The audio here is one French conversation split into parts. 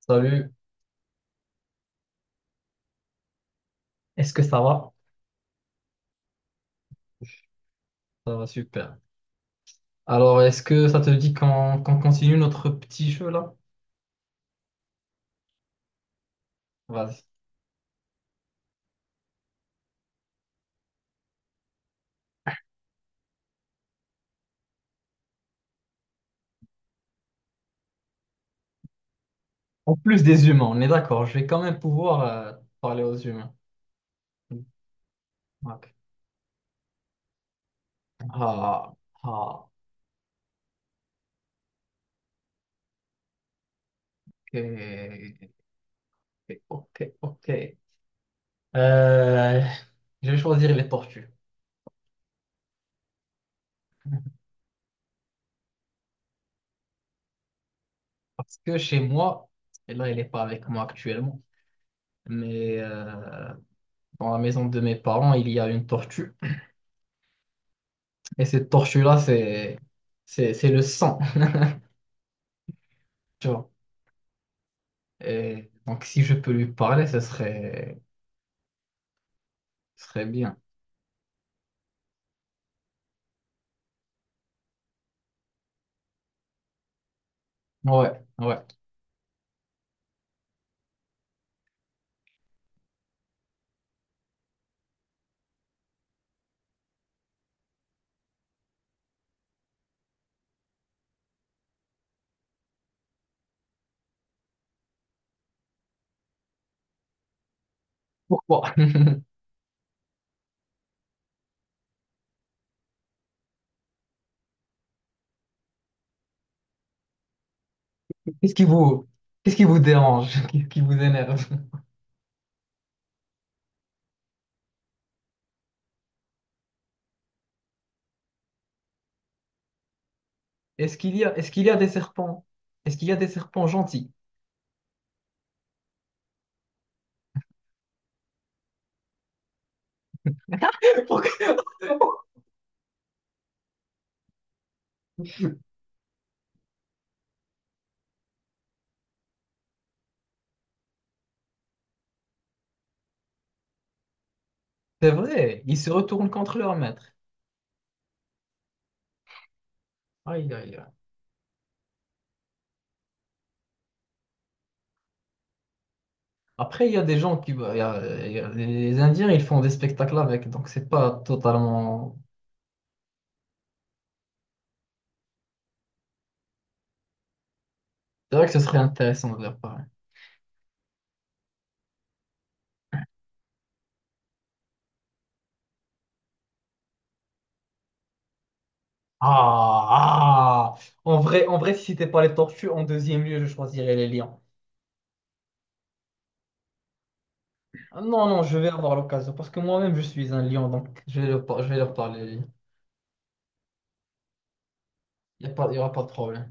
Salut, est-ce que ça va? Ça va super. Alors, est-ce que ça te dit qu'on continue notre petit jeu là? Vas-y. En plus des humains, on est d'accord, je vais quand même pouvoir parler aux humains. Ok. Ah, ah, ok, ok, ok. Euh, je vais choisir les tortues. Parce que chez moi, et là, elle n'est pas avec moi actuellement, mais dans la maison de mes parents, il y a une tortue. Et cette tortue-là, c'est le sang, tu vois. Et donc, si je peux lui parler, ce serait bien. Ouais, ouais. Pourquoi? Qu'est-ce qui vous, qu'est-ce qui vous dérange? Qu'est-ce qui vous énerve? Est-ce qu'il y a des serpents? Est-ce qu'il y a des serpents gentils? C'est vrai, ils se retournent contre leur maître. Aïe, aïe, aïe. Après, il y a des gens qui. Bah, il y a- les Indiens, ils font des spectacles avec, donc c'est pas totalement. C'est vrai que ce serait intéressant de leur part. Ah, ah. En vrai, si c'était pas les tortues, en deuxième lieu, je choisirais les lions. Ah, non, non, je vais avoir l'occasion parce que moi-même, je suis un lion, donc je vais leur, par- je vais leur parler. Les lions. Il y aura pas de problème.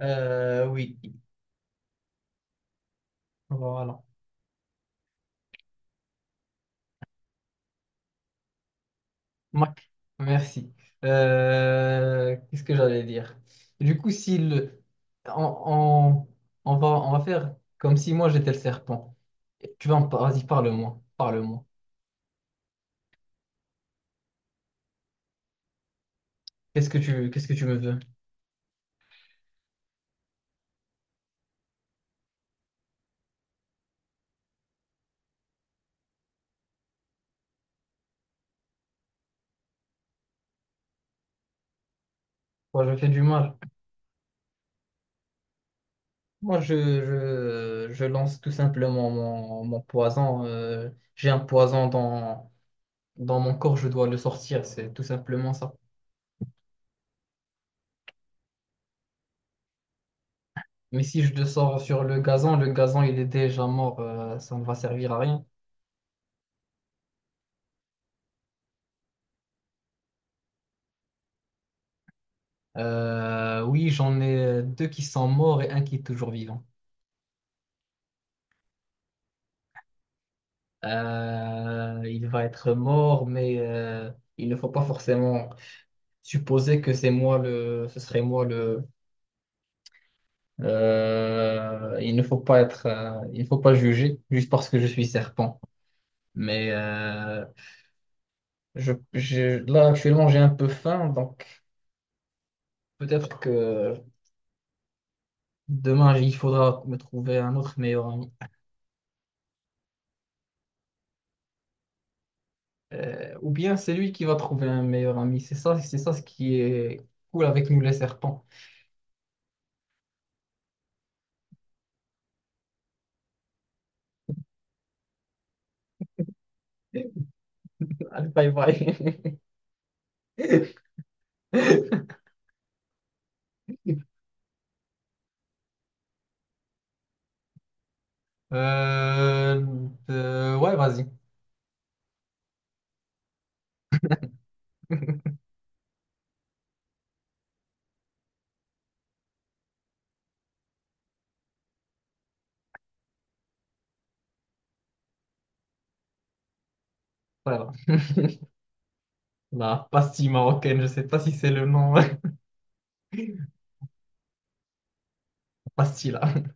Oui, voilà. Mac, merci. Qu'est-ce que j'allais dire? Du coup, si le, on, on- on va faire comme si moi j'étais le serpent. Tu vas, en par- vas-y, parle-moi, parle-moi. Qu'est-ce que tu me veux? Moi, je fais du mal. Moi, je lance tout simplement mon, mon poison. J'ai un poison dans, dans mon corps, je dois le sortir, c'est tout simplement ça. Mais si je le sors sur le gazon, il est déjà mort, ça ne va servir à rien. Oui, j'en ai deux qui sont morts et un qui est toujours vivant. Il va être mort, mais il ne faut pas forcément supposer que c'est moi le, ce serait moi. Il ne faut pas être, il ne faut pas juger juste parce que je suis serpent. Mais je- là actuellement j'ai un peu faim, donc peut-être que demain il faudra me trouver un autre meilleur ami. Ou bien c'est lui qui va trouver un meilleur ami. C'est ça ce qui est cool avec nous les serpents. Allez, bye bye. Euh, ouais, vas-y. Voilà. La pastille marocaine, je sais pas si c'est le nom. Facile. Hein.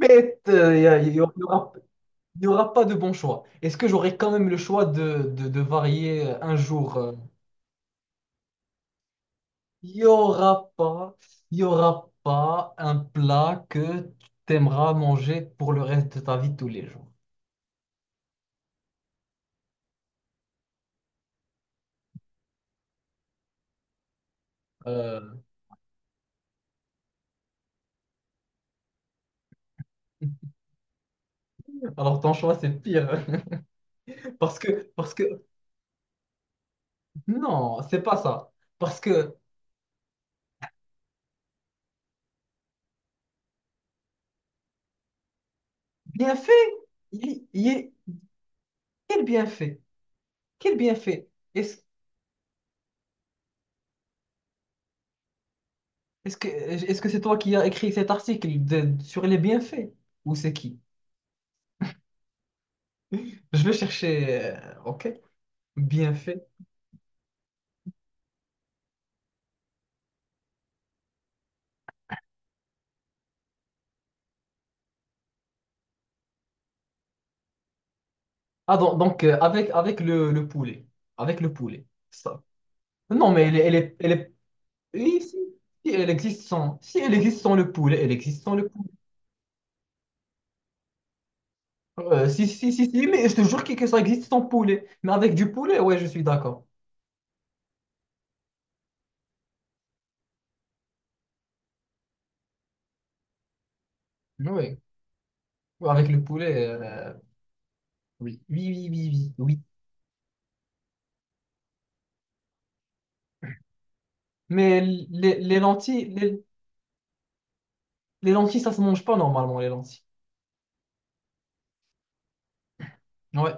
Mais il y a- il y aura, il y aura- il y aura pas de bon choix. Est-ce que j'aurai quand même le choix de varier un jour? Euh. Il y aura pas, il y aura pas un plat que tu aimeras manger pour le reste de ta vie tous les jours. Euh, alors ton choix, c'est pire. Parce que, parce que, non, c'est pas ça. Parce que, bien fait, il est, quel bienfait? Quel bienfait? est-ce est-ce que c'est toi qui as écrit cet article de- sur les bienfaits? Ou c'est qui? Je vais chercher. Ok. Bienfaits. Ah donc, avec avec le poulet. Avec le poulet. Ça. Non mais elle est, elle est, elle est- oui, si, si elle existe sans. Si elle existe sans le poulet, elle existe sans le poulet. Si, si, si, si, mais je te jure que ça existe sans poulet. Mais avec du poulet, ouais, je suis d'accord. Oui. Avec le poulet, oui. Oui, oui, oui, oui, oui. Mais les lentilles, les lentilles, ça se mange pas normalement, les lentilles. Ouais.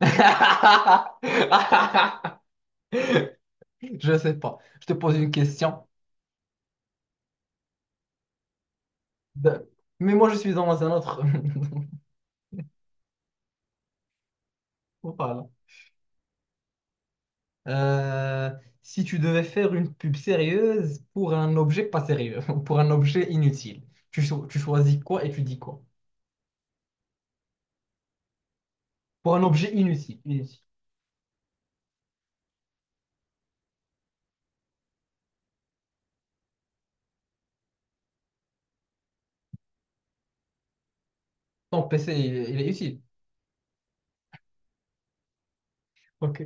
Je sais pas. Je te pose une question. De- mais moi, je suis dans un autre. Voilà. Euh, Si tu devais faire une pub sérieuse pour un objet pas sérieux, pour un objet inutile, tu, cho- tu choisis quoi et tu dis quoi? Pour un objet inutile, inutile. Ton PC, est il est utile. Ok.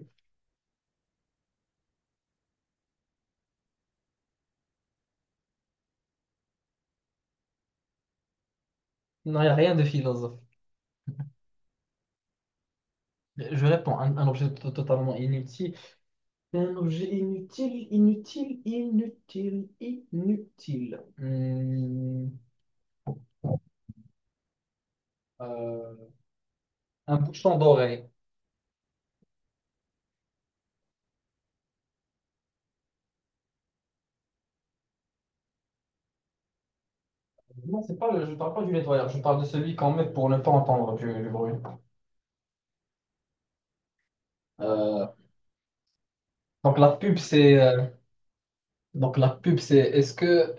Non, il n'y a rien de philosophe. Je réponds, un objet to- totalement inutile. Un objet inutile, inutile, inutile, inutile. Euh, un bouchon d'oreille. Non, c'est pas le, je ne parle pas du nettoyeur, je parle de celui qu'on met pour ne pas entendre du bruit. Euh, donc la pub, c'est donc la pub, c'est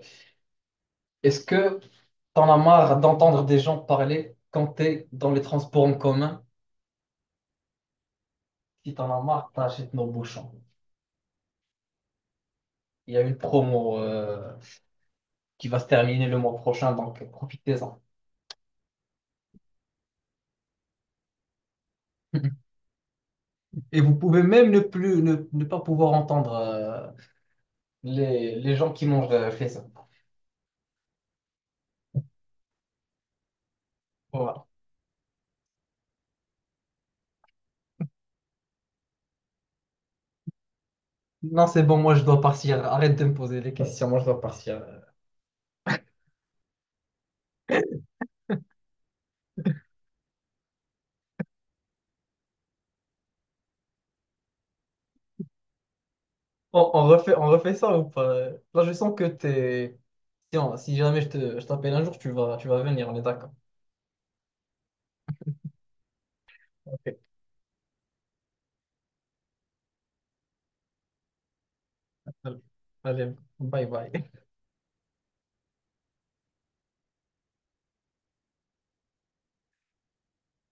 est-ce que t'en as marre d'entendre des gens parler quand t'es dans les transports en commun? Si t'en as marre, t'achètes nos bouchons. Il y a une promo qui va se terminer le mois prochain, donc profitez-en. Et vous pouvez même ne plus ne, ne pas pouvoir entendre les gens qui mangent chez ça. Voilà. Non, c'est bon, moi je dois partir. Arrête de me poser les questions, moi je dois partir. On refait ça ou pas? Là, je sens que t'es. Tiens si jamais je te, je t'appelle un jour, tu vas venir, on est d'accord. Ok. Allez, bye bye.